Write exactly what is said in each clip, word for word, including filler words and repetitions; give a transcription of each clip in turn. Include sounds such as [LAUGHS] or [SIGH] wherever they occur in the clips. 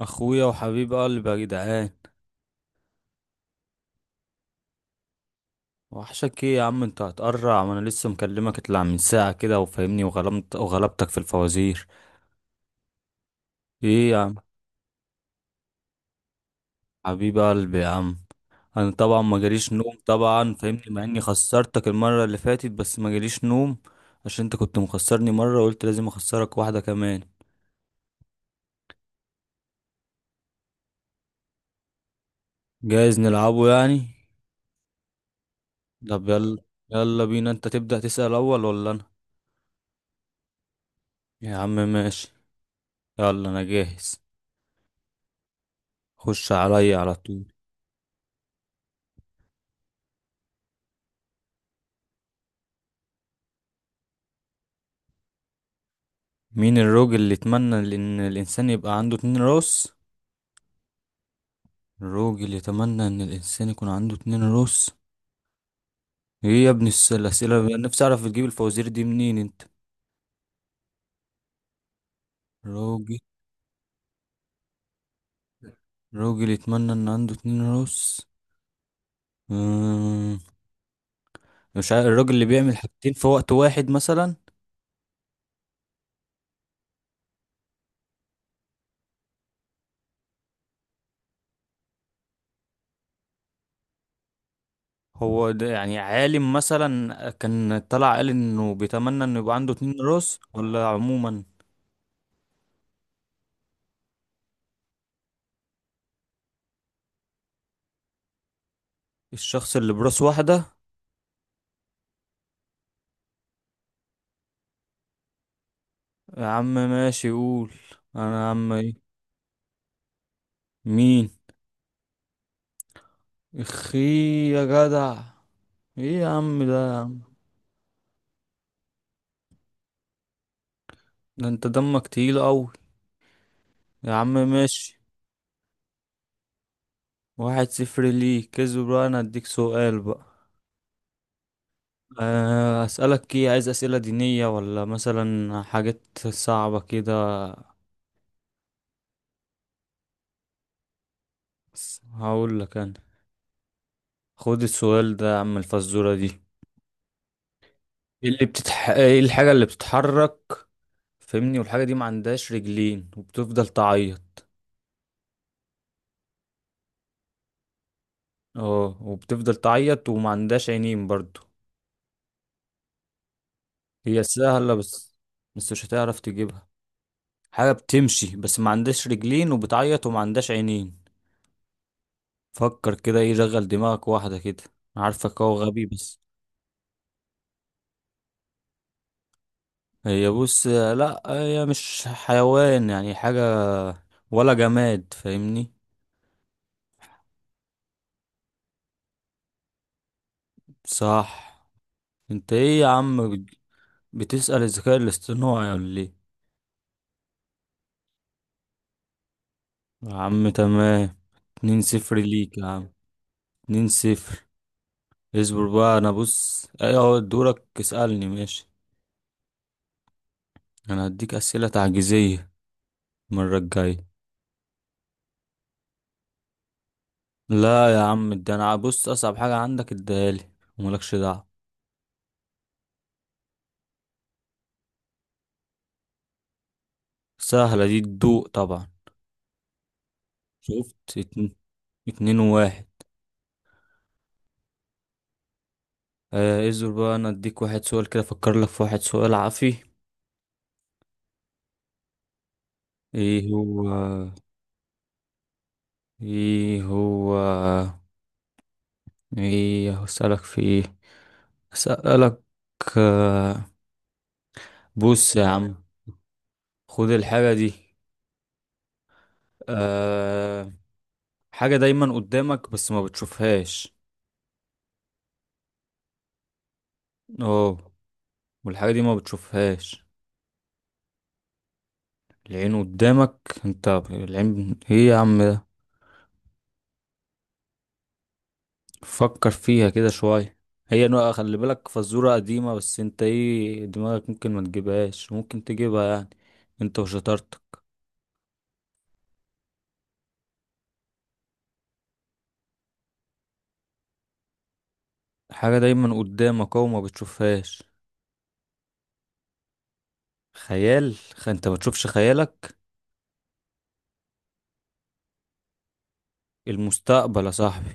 اخويا وحبيب قلبي يا جدعان. وحشك ايه يا عم؟ انت هتقرع وانا لسه مكلمك، اطلع من ساعه كده وفاهمني وغلمت وغلبتك في الفوازير. ايه يا عم؟ حبيب قلبي يا عم. انا طبعا ما جاليش نوم، طبعا فاهمني، مع اني خسرتك المره اللي فاتت بس ما جاليش نوم. عشان انت كنت مخسرني مره وقلت لازم اخسرك واحده كمان. جايز نلعبه يعني. طب يلا. يلا بينا، انت تبدا تسال اول ولا انا؟ يا عم ماشي. يلا انا جاهز. خش عليا على طول. مين الراجل اللي يتمنى ان الانسان يبقى عنده اتنين راس؟ الراجل يتمنى ان الانسان يكون عنده اتنين راس. ايه يا ابني الس- الاسئله بقى؟ نفسي اعرف بتجيب الفوازير دي منين انت؟ راجل. راجل يتمنى ان عنده اتنين راس. أمم، مش عارف، الراجل اللي بيعمل حاجتين في وقت واحد مثلا؟ هو ده يعني عالم مثلا كان طلع قال انه بيتمنى انه يبقى عنده اتنين راس ولا عموما؟ الشخص اللي براس واحدة. يا عم ماشي، قول. انا يا عم ايه؟ مين؟ اخي. يا جدع. ايه يا عم ده يا عم؟ ده انت دمك تقيل قوي. يا عم ماشي. واحد صفر ليك، كسب بقى، انا اديك سؤال بقى. آه، اسالك ايه؟ عايز اسئله دينيه ولا مثلا حاجات صعبه كده؟ بس هقول لك انا. خد السؤال ده يا عم، الفزوره دي. ايه اللي بتتح... ايه الحاجه اللي بتتحرك؟ فهمني، والحاجه دي ما عندهاش رجلين وبتفضل تعيط. اه وبتفضل تعيط وما عندهاش عينين برضو. هي سهلة بس. بس مش هتعرف تجيبها. حاجة بتمشي بس ما عندهاش رجلين وبتعيط وما عندهاش عينين. فكر كده، ايه، شغل دماغك واحدة كده. أنا عارفك هو غبي بس. هي بص، لا هي مش حيوان، يعني حاجة. ولا جماد، فاهمني. صح. انت ايه يا عم بت- بتسأل الذكاء الاصطناعي ولا ايه؟ يا عم تمام. اتنين صفر ليك يا عم. اتنين صفر. اصبر بقى، انا بص ايه اهو دورك اسألني، ماشي. انا هديك اسئلة تعجيزية المرة الجاية. لا يا عم، ده انا بص اصعب حاجة عندك اديهالي وملكش دعوة. سهلة دي تدوق طبعا. شفت اتن... اتنين وواحد. آه، ازور بقى، انا اديك واحد سؤال كده، افكر لك في واحد سؤال عافي. ايه هو؟ ايه هو؟ ايه هسألك في ايه؟ اسألك. آه. بص يا عم، خد الحاجة دي. آه حاجة دايما قدامك بس ما بتشوفهاش. اه والحاجة دي ما بتشوفهاش. العين قدامك. انت العين ايه يا عم ده؟ فكر فيها كده شوية. هي نوع، خلي بالك، فزورة قديمة، بس انت ايه، دماغك ممكن ما تجيبهاش، ممكن تجيبها يعني. انت وشطارتك. حاجة دايما قدامك اهو ما بتشوفهاش. خيال خ- انت ما تشوفش خيالك. المستقبل يا صاحبي.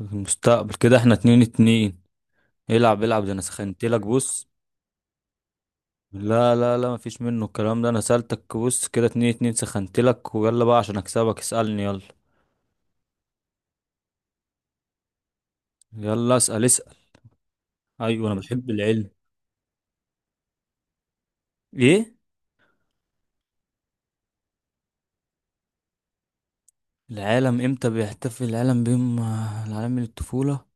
المستقبل. كده احنا اتنين اتنين. العب العب، ده انا سخنتلك بص. لا لا لا، مفيش منه الكلام ده. انا سألتك بص كده اتنين اتنين، سخنتلك، ويلا بقى عشان اكسبك، اسألني يلا. يلا اسأل اسأل. ايوه انا بحب العلم. ايه؟ العالم امتى بيحتفل العالم بيوم آه، العالم من الطفولة؟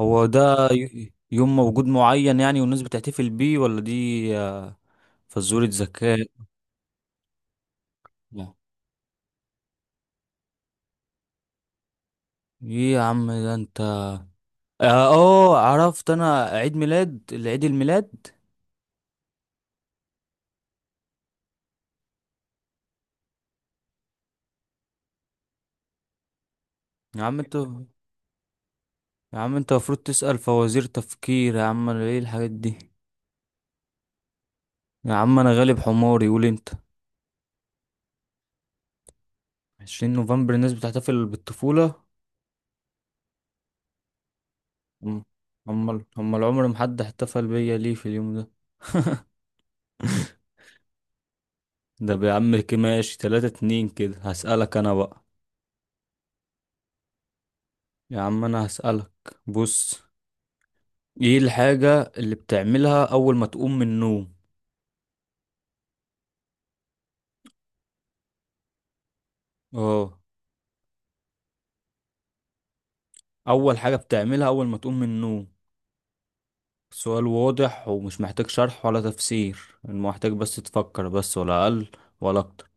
هو ده ي- يوم موجود معين يعني والناس بتحتفل بيه ولا دي؟ آه، فزورة ذكاء. لا. ايه يا عم ده انت؟ اه. آه، عرفت، انا عيد ميلاد العيد الميلاد. يا عم انت. يا عم انت المفروض تسأل فوازير تفكير يا عم، انا ايه الحاجات دي؟ يا عم انا غالب حماري، قول انت. عشرين نوفمبر الناس بتحتفل بالطفولة. أم- امال امال عمر ما حد احتفل بيا ليه في اليوم ده؟ [LAUGHS] ده يا عم كماشي تلاتة اتنين، كده هسألك انا بقى. يا عم انا هسألك. بص. ايه الحاجة اللي بتعملها اول ما تقوم من النوم؟ اه. اول حاجة بتعملها اول ما تقوم من النوم، سؤال واضح ومش محتاج شرح ولا تفسير. المحتاج بس تفكر بس، ولا اقل ولا اكتر.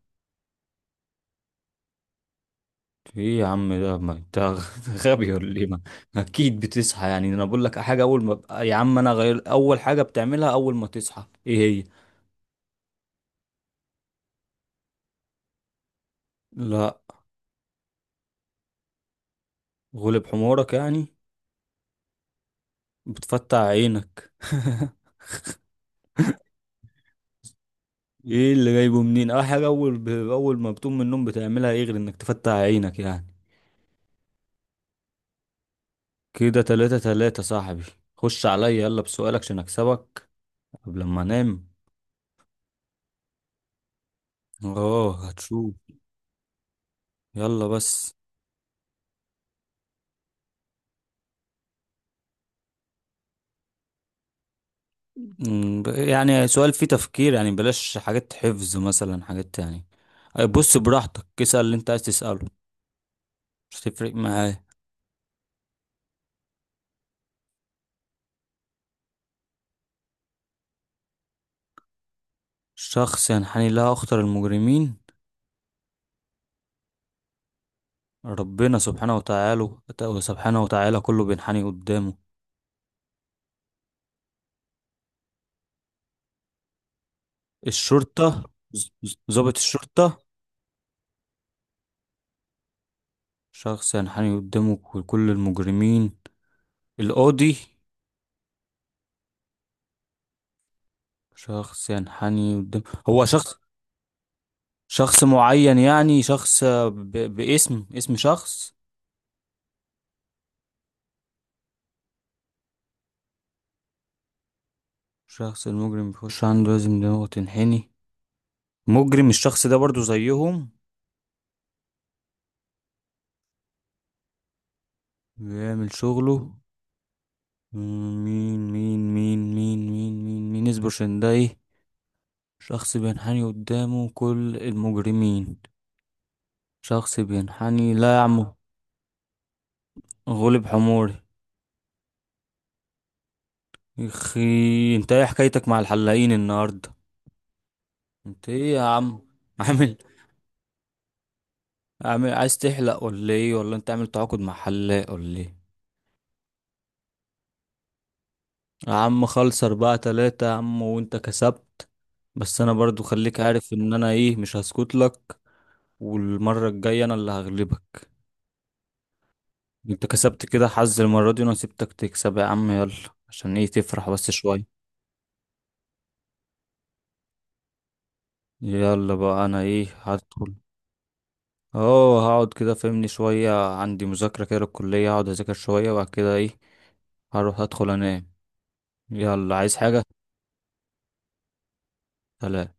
ايه يا عم ده؟ ما انت [LAUGHS] غبي ولا ايه؟ ما اكيد بتصحى، يعني انا بقول لك حاجه اول ما، يا عم انا غير اول حاجه بتعملها اول ما تصحى ايه هي؟ لا. غلب حمارك يعني. بتفتح عينك. [LAUGHS] ايه اللي جايبه منين اه؟ حاجه اول ب... اول ما بتقوم من النوم بتعملها ايه غير انك تفتح عينك يعني؟ كده تلاتة تلاتة صاحبي. خش عليا يلا بسؤالك عشان اكسبك. قبل ما انام. اه، هتشوف. يلا بس. مم، ب- يعني سؤال فيه تفكير يعني، بلاش حاجات حفظ مثلا، حاجات يعني. بص براحتك، اسأل اللي انت عايز تسأله. مش هتفرق معايا. شخص ينحني لها أخطر المجرمين. ربنا سبحانه وتعالى. سبحانه وتعالى كله بينحني قدامه. الشرطة. ز- ز- ضابط الشرطة. شخص ينحني قدامه كل كل المجرمين. القاضي. شخص ينحني قدامه. هو شخص. شخص معين يعني، شخص ب... باسم اسم شخص. الشخص المجرم بيخش عنده لازم دماغه تنحني. مجرم الشخص ده برضو زيهم. بيعمل شغله. مم، مين مين مين مين مين مين مين اصبر عشان ده ايه. شخص بينحني قدامه كل المجرمين. شخص بينحني. لا يا عم. غلب حموري. يخي انت ايه حكايتك مع الحلاقين النهارده؟ انت ايه يا عم؟ عامل. عامل عايز تحلق ولا ايه، ولا انت عامل تعاقد مع حلاق ولا ايه؟ يا عم خلص، أربعة تلاتة يا عم، وأنت كسبت. بس أنا برضو خليك عارف إن أنا إيه، مش هسكت لك. والمرة الجاية أنا اللي هغلبك. أنت كسبت كده حظ المرة دي وأنا سبتك تكسب يا عم، يلا. عشان إيه تفرح بس شوية. يلا بقى، أنا إيه هدخل. أه هقعد كده فهمني شوية، عندي مذاكرة كده للكلية، هقعد أذاكر شوية وبعد كده إيه. هروح أدخل أنام. يلا عايز حاجة. سلام.